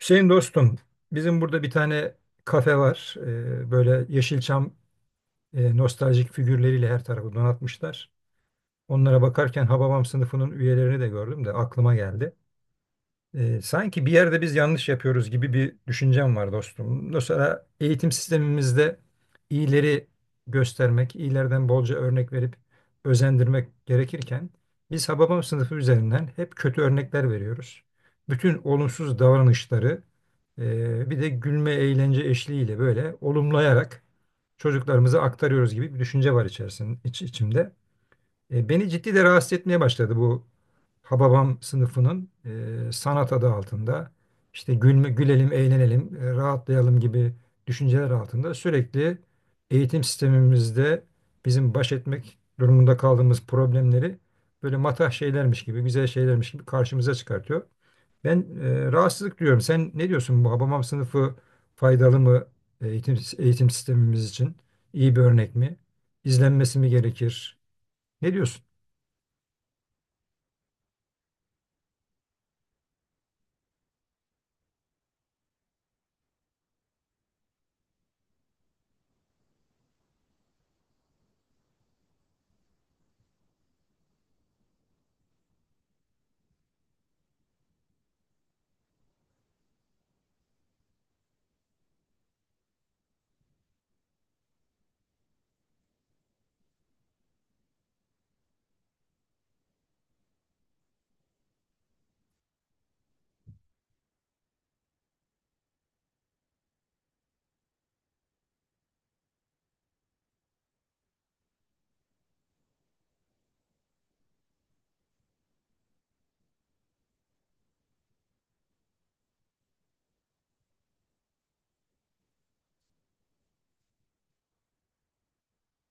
Hüseyin dostum, bizim burada bir tane kafe var. Böyle Yeşilçam nostaljik figürleriyle her tarafı donatmışlar. Onlara bakarken Hababam sınıfının üyelerini de gördüm de aklıma geldi. Sanki bir yerde biz yanlış yapıyoruz gibi bir düşüncem var dostum. Mesela eğitim sistemimizde iyileri göstermek, iyilerden bolca örnek verip özendirmek gerekirken biz Hababam sınıfı üzerinden hep kötü örnekler veriyoruz. Bütün olumsuz davranışları bir de gülme eğlence eşliğiyle böyle olumlayarak çocuklarımıza aktarıyoruz gibi bir düşünce var içerisinde, içimde. Beni ciddi de rahatsız etmeye başladı bu Hababam sınıfının sanat adı altında işte gülme, gülelim, eğlenelim, rahatlayalım gibi düşünceler altında sürekli eğitim sistemimizde bizim baş etmek durumunda kaldığımız problemleri böyle matah şeylermiş gibi, güzel şeylermiş gibi karşımıza çıkartıyor. Ben rahatsızlık duyuyorum. Sen ne diyorsun bu Hababam sınıfı faydalı mı eğitim sistemimiz için? İyi bir örnek mi? İzlenmesi mi gerekir? Ne diyorsun?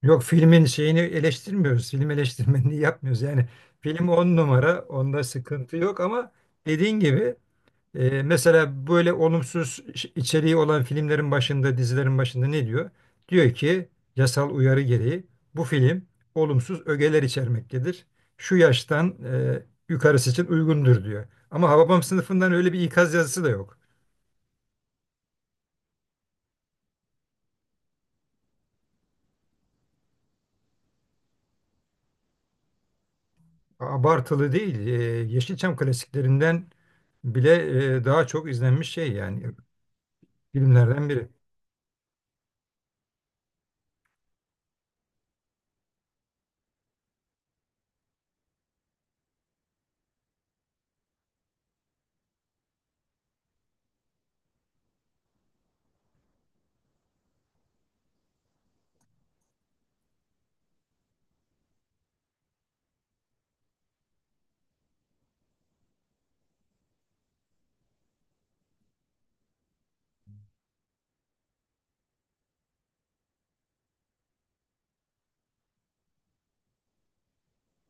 Yok filmin şeyini eleştirmiyoruz. Film eleştirmenliği yapmıyoruz. Yani film on numara, onda sıkıntı yok ama dediğin gibi mesela böyle olumsuz içeriği olan filmlerin başında, dizilerin başında ne diyor? Diyor ki yasal uyarı gereği bu film olumsuz ögeler içermektedir. Şu yaştan yukarısı için uygundur diyor. Ama Hababam sınıfından öyle bir ikaz yazısı da yok. Abartılı değil. Yeşilçam klasiklerinden bile daha çok izlenmiş şey yani. Filmlerden biri.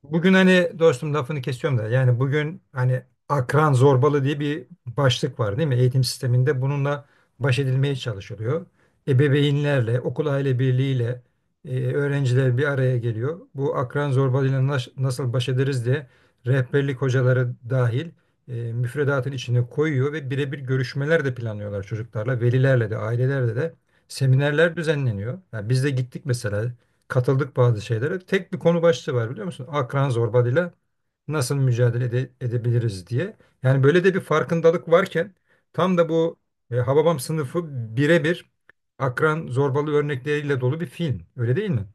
Bugün hani dostum lafını kesiyorum da yani bugün hani akran zorbalığı diye bir başlık var değil mi? Eğitim sisteminde bununla baş edilmeye çalışılıyor. Ebeveynlerle, okul aile birliğiyle öğrenciler bir araya geliyor. Bu akran zorbalığıyla nasıl baş ederiz diye rehberlik hocaları dahil müfredatın içine koyuyor ve birebir görüşmeler de planlıyorlar çocuklarla, velilerle de, ailelerle de seminerler düzenleniyor. Yani biz de gittik mesela katıldık bazı şeylere. Tek bir konu başlığı var biliyor musun? Akran zorbalığıyla nasıl mücadele edebiliriz diye. Yani böyle de bir farkındalık varken tam da bu Hababam sınıfı birebir akran zorbalığı örnekleriyle dolu bir film. Öyle değil mi?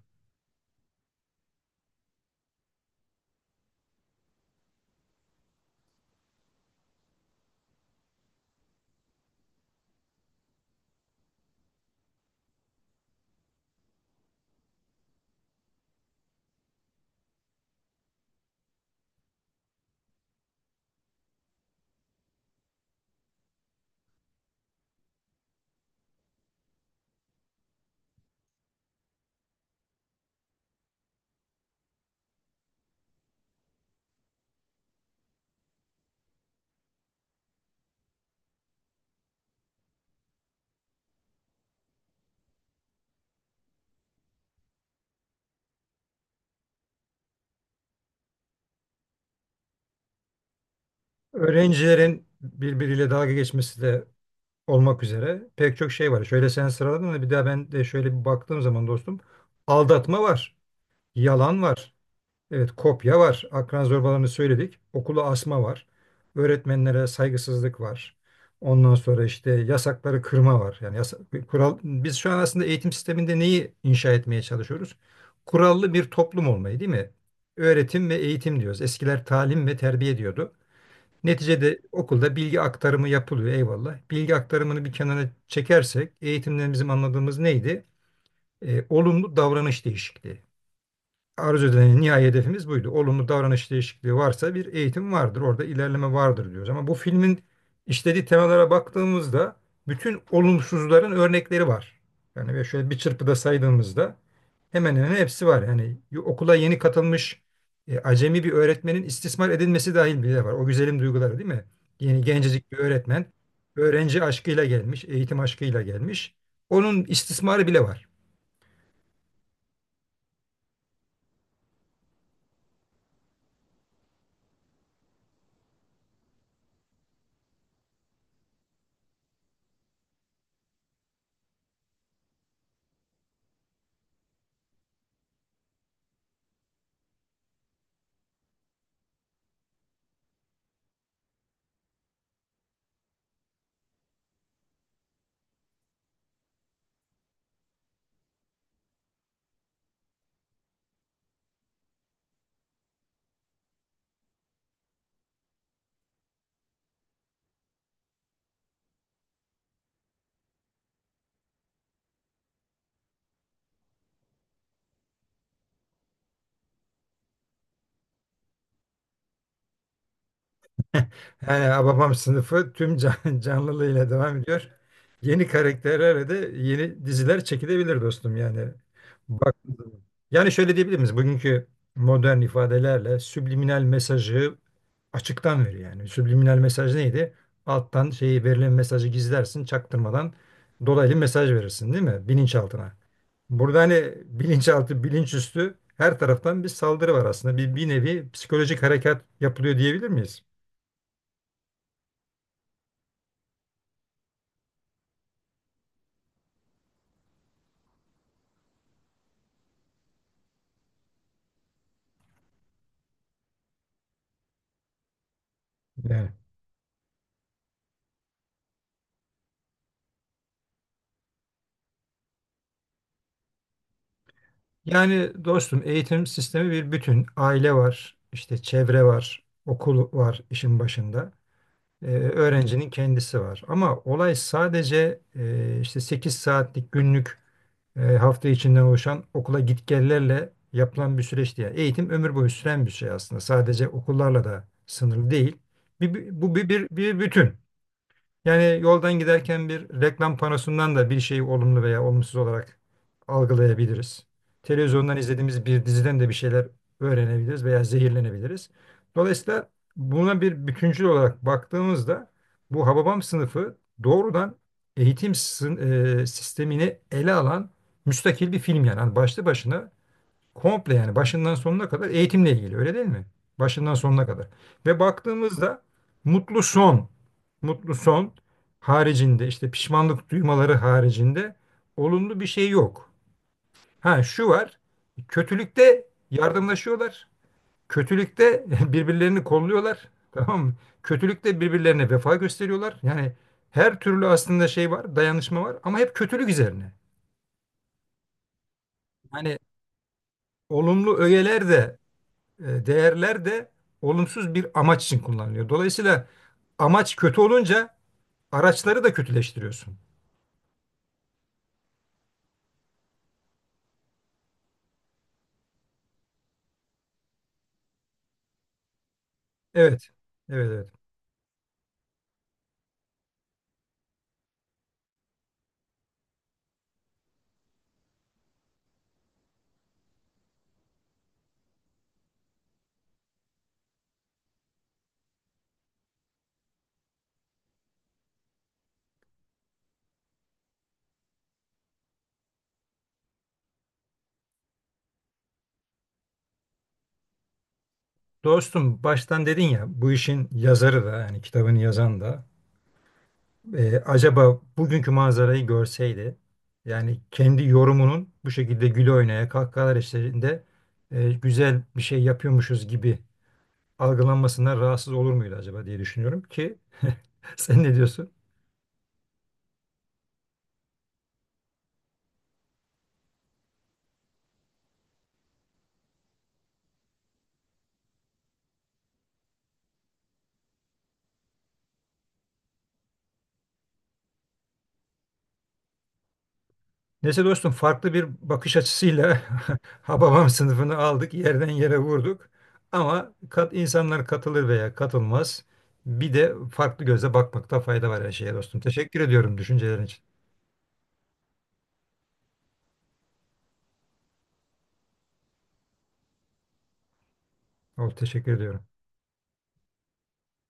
Öğrencilerin birbiriyle dalga geçmesi de olmak üzere pek çok şey var. Şöyle sen sıraladın da bir daha ben de şöyle bir baktığım zaman dostum aldatma var, yalan var. Evet, kopya var. Akran zorbalarını söyledik. Okula asma var. Öğretmenlere saygısızlık var. Ondan sonra işte yasakları kırma var. Yani kural biz şu an aslında eğitim sisteminde neyi inşa etmeye çalışıyoruz? Kurallı bir toplum olmayı, değil mi? Öğretim ve eğitim diyoruz. Eskiler talim ve terbiye diyordu. Neticede okulda bilgi aktarımı yapılıyor eyvallah. Bilgi aktarımını bir kenara çekersek eğitimden bizim anladığımız neydi? Olumlu davranış değişikliği arzu edilen nihai hedefimiz buydu. Olumlu davranış değişikliği varsa bir eğitim vardır. Orada ilerleme vardır diyoruz. Ama bu filmin işlediği temalara baktığımızda bütün olumsuzların örnekleri var. Yani ve şöyle bir çırpıda saydığımızda hemen hemen hepsi var. Yani okula yeni katılmış acemi bir öğretmenin istismar edilmesi dahil bile var. O güzelim duyguları değil mi? Yeni gencecik bir öğretmen öğrenci aşkıyla gelmiş, eğitim aşkıyla gelmiş. Onun istismarı bile var. Yani Hababam sınıfı tüm canlılığıyla devam ediyor. Yeni karakterlerle de yeni diziler çekilebilir dostum yani. Bak yani şöyle diyebilir miyiz? Bugünkü modern ifadelerle subliminal mesajı açıktan veriyor yani. Subliminal mesaj neydi? Alttan şeyi verilen mesajı gizlersin, çaktırmadan dolaylı mesaj verirsin değil mi? Bilinçaltına. Burada hani bilinçaltı, bilinçüstü her taraftan bir saldırı var aslında. Bir nevi psikolojik harekat yapılıyor diyebilir miyiz? Yani. Yani dostum eğitim sistemi bir bütün. Aile var, işte çevre var, okul var işin başında. Öğrencinin kendisi var. Ama olay sadece işte 8 saatlik günlük hafta içinden oluşan okula gitgellerle yapılan bir süreç değil. Yani eğitim ömür boyu süren bir şey aslında. Sadece okullarla da sınırlı değil. Bu bir bütün. Yani yoldan giderken bir reklam panosundan da bir şeyi olumlu veya olumsuz olarak algılayabiliriz. Televizyondan izlediğimiz bir diziden de bir şeyler öğrenebiliriz veya zehirlenebiliriz. Dolayısıyla buna bir bütüncül olarak baktığımızda bu Hababam sınıfı doğrudan eğitim sistemini ele alan müstakil bir film yani. Hani başlı başına komple yani başından sonuna kadar eğitimle ilgili öyle değil mi? Başından sonuna kadar. Ve baktığımızda mutlu son, mutlu son haricinde işte pişmanlık duymaları haricinde olumlu bir şey yok. Ha şu var. Kötülükte yardımlaşıyorlar. Kötülükte birbirlerini kolluyorlar. Tamam mı? Kötülükte birbirlerine vefa gösteriyorlar. Yani her türlü aslında şey var, dayanışma var ama hep kötülük üzerine. Yani olumlu öğeler de değerler de olumsuz bir amaç için kullanılıyor. Dolayısıyla amaç kötü olunca araçları da kötüleştiriyorsun. Evet, evet, evet. Dostum baştan dedin ya bu işin yazarı da yani kitabını yazan da acaba bugünkü manzarayı görseydi yani kendi yorumunun bu şekilde güle oynaya kahkahalar eşliğinde güzel bir şey yapıyormuşuz gibi algılanmasından rahatsız olur muydu acaba diye düşünüyorum ki sen ne diyorsun? Neyse dostum farklı bir bakış açısıyla Hababam sınıfını aldık, yerden yere vurduk. Ama insanlar katılır veya katılmaz. Bir de farklı gözle bakmakta fayda var her şeye dostum. Teşekkür ediyorum düşüncelerin için. Teşekkür ediyorum.